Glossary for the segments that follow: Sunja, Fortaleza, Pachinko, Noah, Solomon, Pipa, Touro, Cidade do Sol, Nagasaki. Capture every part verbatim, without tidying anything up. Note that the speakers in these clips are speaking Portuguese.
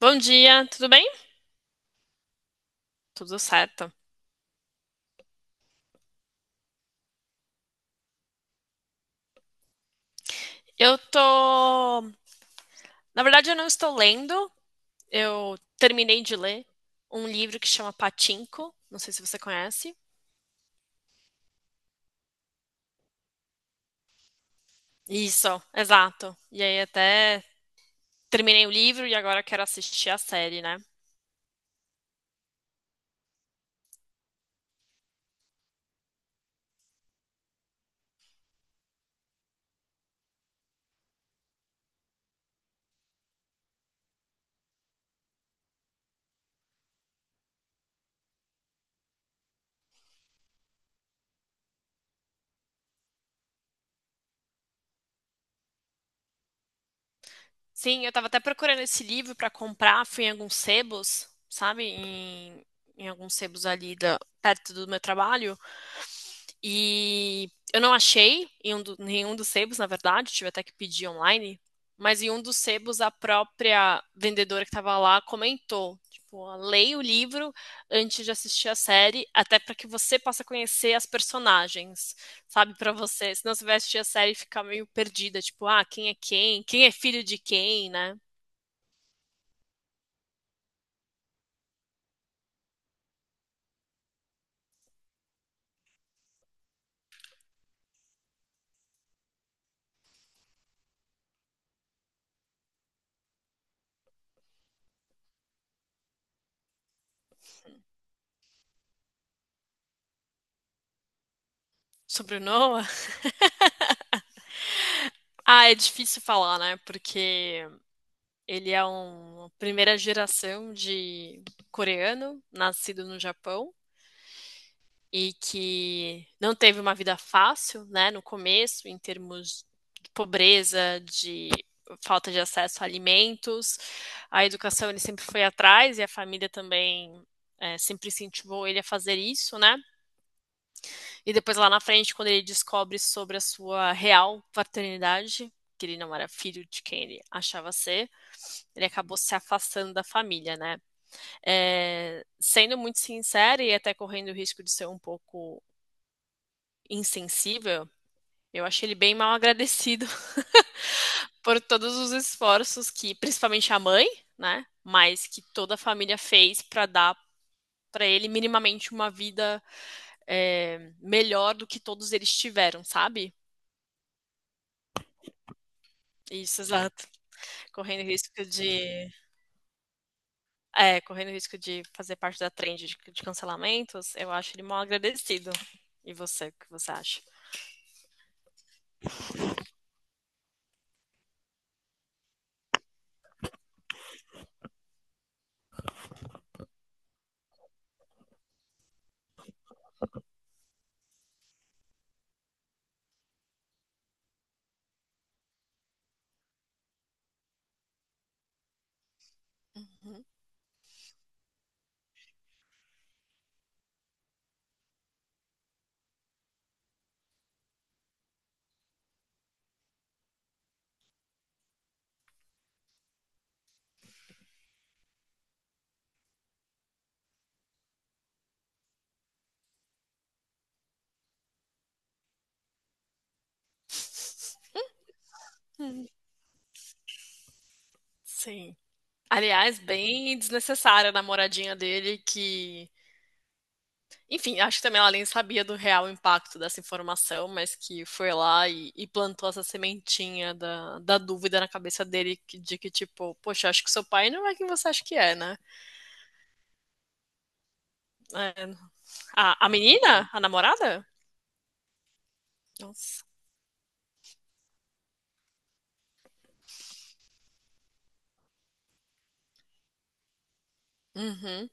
Bom dia, tudo bem? Tudo certo. Eu tô. Na verdade, eu não estou lendo. Eu terminei de ler um livro que chama Pachinko. Não sei se você conhece. Isso, exato. E aí, até terminei o livro e agora quero assistir a série, né? Sim, eu tava até procurando esse livro pra comprar. Fui em alguns sebos, sabe? Em, em alguns sebos ali da... perto do meu trabalho. E eu não achei em um do- nenhum dos sebos, na verdade, tive até que pedir online, mas em um dos sebos a própria vendedora que estava lá comentou, tipo, ó, leia o livro antes de assistir a série, até para que você possa conhecer as personagens, sabe, para você, senão você vai assistir a série e ficar meio perdida, tipo, ah, quem é quem? Quem é filho de quem, né? Sobre o Noah? Ah, é difícil falar, né? Porque ele é uma primeira geração de coreano, nascido no Japão, e que não teve uma vida fácil, né, no começo, em termos de pobreza, de falta de acesso a alimentos. A educação ele sempre foi atrás e a família também é, sempre incentivou ele a fazer isso, né? E depois lá na frente, quando ele descobre sobre a sua real paternidade, que ele não era filho de quem ele achava ser, ele acabou se afastando da família, né? É, sendo muito sincero e até correndo o risco de ser um pouco insensível, eu achei ele bem mal agradecido por todos os esforços que, principalmente a mãe, né? Mas que toda a família fez para dar para ele minimamente uma vida é, melhor do que todos eles tiveram, sabe? Isso, exato. Correndo risco de, é, correndo risco de fazer parte da trend de, de cancelamentos, eu acho ele mal agradecido. E você, o que você acha? Sim. Aliás, bem desnecessária a namoradinha dele que, enfim, acho que também ela nem sabia do real impacto dessa informação, mas que foi lá e, e plantou essa sementinha da, da dúvida na cabeça dele que- de que, tipo, poxa, acho que seu pai não é quem você acha que é, né? É, a, a menina? A namorada? Nossa. Uhum.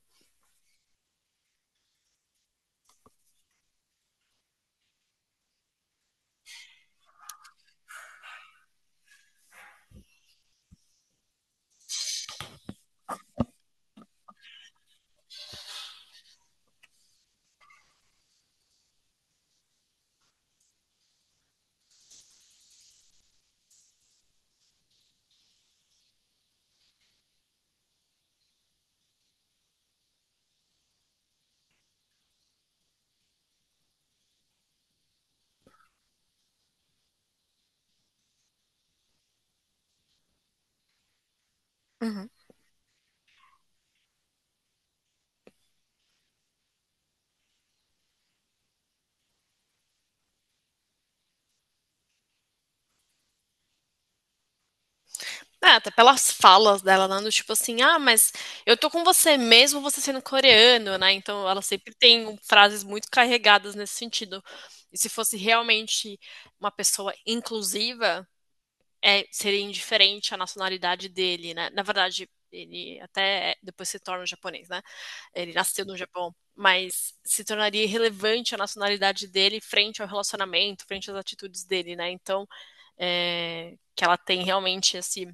Uhum. É, até pelas falas dela, né? Do tipo assim, ah, mas eu tô com você mesmo você sendo coreano, né? Então ela sempre tem um- frases muito carregadas nesse sentido. E se fosse realmente uma pessoa inclusiva, é, seria indiferente à nacionalidade dele, né? Na verdade, ele até é, depois se torna japonês, né? Ele nasceu no Japão, mas se tornaria irrelevante a nacionalidade dele frente ao relacionamento, frente às atitudes dele, né? Então, é, que ela tem realmente esse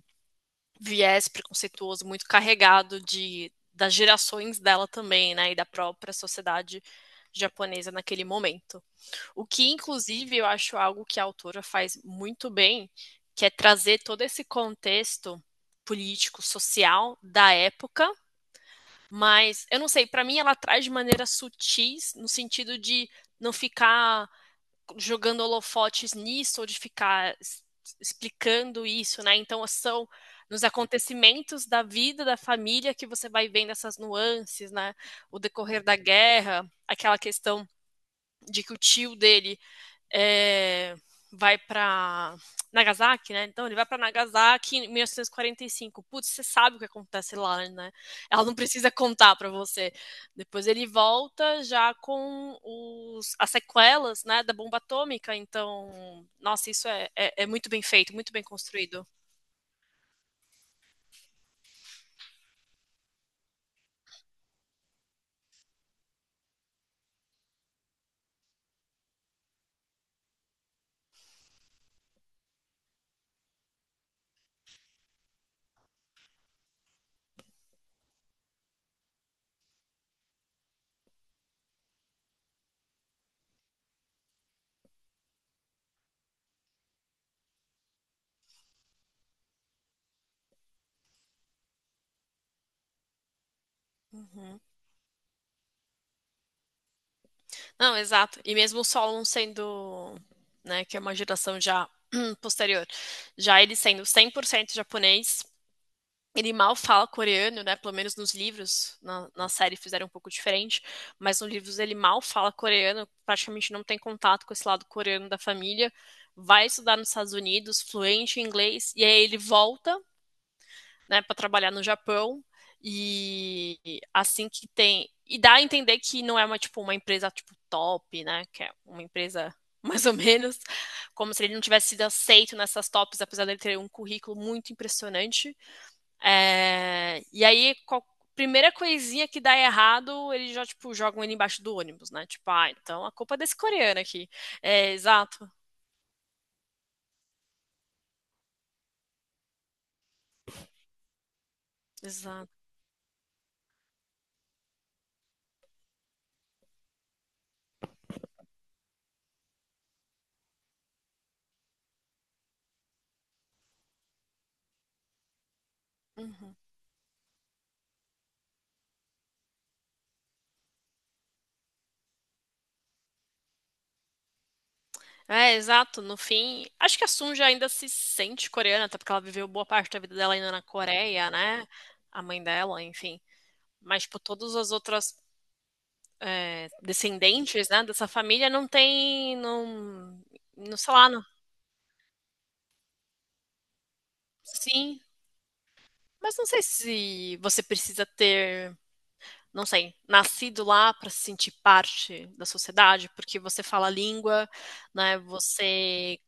viés preconceituoso muito carregado de das gerações dela também, né, e da própria sociedade japonesa naquele momento. O que inclusive eu acho algo que a autora faz muito bem, que é trazer todo esse contexto político, social da época, mas eu não sei, para mim ela traz de maneira sutis no sentido de não ficar jogando holofotes nisso, ou de ficar explicando isso, né? Então, são nos acontecimentos da vida da família que você vai vendo essas nuances, né? O decorrer da guerra, aquela questão de que o tio dele é, vai para Nagasaki, né? Então ele vai para Nagasaki em mil novecentos e quarenta e cinco. Putz, você sabe o que acontece lá, né? Ela não precisa contar para você. Depois ele volta já com os, as sequelas, né, da bomba atômica. Então, nossa, isso é, é, é muito bem feito, muito bem construído. Uhum. Não, exato. E mesmo o Solon sendo, né, que é uma geração já posterior, já ele sendo cem por cento japonês, ele mal fala coreano, né? Pelo menos nos livros, na, na série fizeram um pouco diferente, mas nos livros ele mal fala coreano, praticamente não tem contato com esse lado coreano da família. Vai estudar nos Estados Unidos, fluente em inglês, e aí ele volta, né, para trabalhar no Japão. E assim que tem. E dá a entender que não é uma, tipo, uma empresa tipo top, né? Que é uma empresa mais ou menos, como se ele não tivesse sido aceito nessas tops, apesar dele ter um currículo muito impressionante. É, e aí, qual- primeira coisinha que dá errado, eles já, tipo, jogam ele embaixo do ônibus, né? Tipo, ah, então a culpa é desse coreano aqui. É, exato, exato. Uhum. É, exato. No fim, acho que a Sunja ainda se sente coreana, até porque ela viveu boa parte da vida dela ainda na Coreia, né? A mãe dela, enfim. Mas, tipo, todas as outras é, descendentes, né, dessa família não tem, não, não sei lá, não. Sim, mas não sei se você precisa ter não sei, nascido lá para se sentir parte da sociedade, porque você fala a língua, né? Você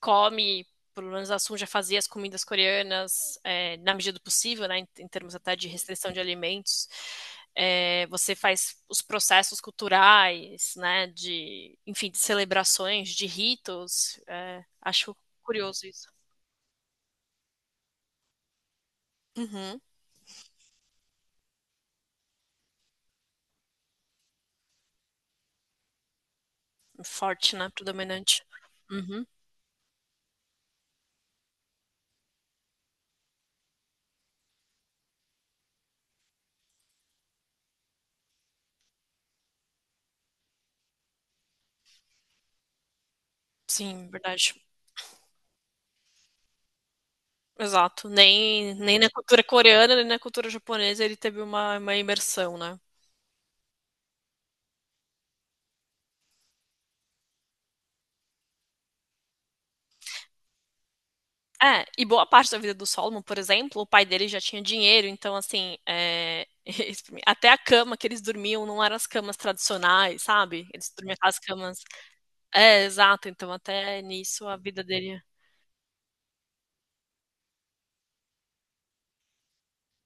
come, pelo menos a Sun já fazia as comidas coreanas é, na medida do possível, né? Em, em, termos até de restrição de alimentos. É, você faz os processos culturais, né? De, enfim, de celebrações, de ritos. É, acho curioso isso. Uhum. Forte, né? Predominante. Uhum. Sim, verdade. Exato. Nem, nem na cultura coreana, nem na cultura japonesa ele teve uma, uma imersão, né? É, e boa parte da vida do Solomon, por exemplo, o pai dele já tinha dinheiro, então, assim, é, isso pra mim, até a cama que eles dormiam não eram as camas tradicionais, sabe? Eles dormiam aquelas camas. É, exato, então, até nisso a vida dele,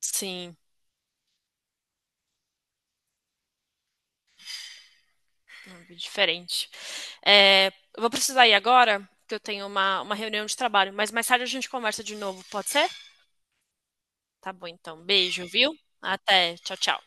sim, é uma vida diferente. É, eu vou precisar ir agora, que eu tenho uma, uma reunião de trabalho, mas mais tarde a gente conversa de novo, pode ser? Tá bom, então, beijo, viu? Até, tchau, tchau.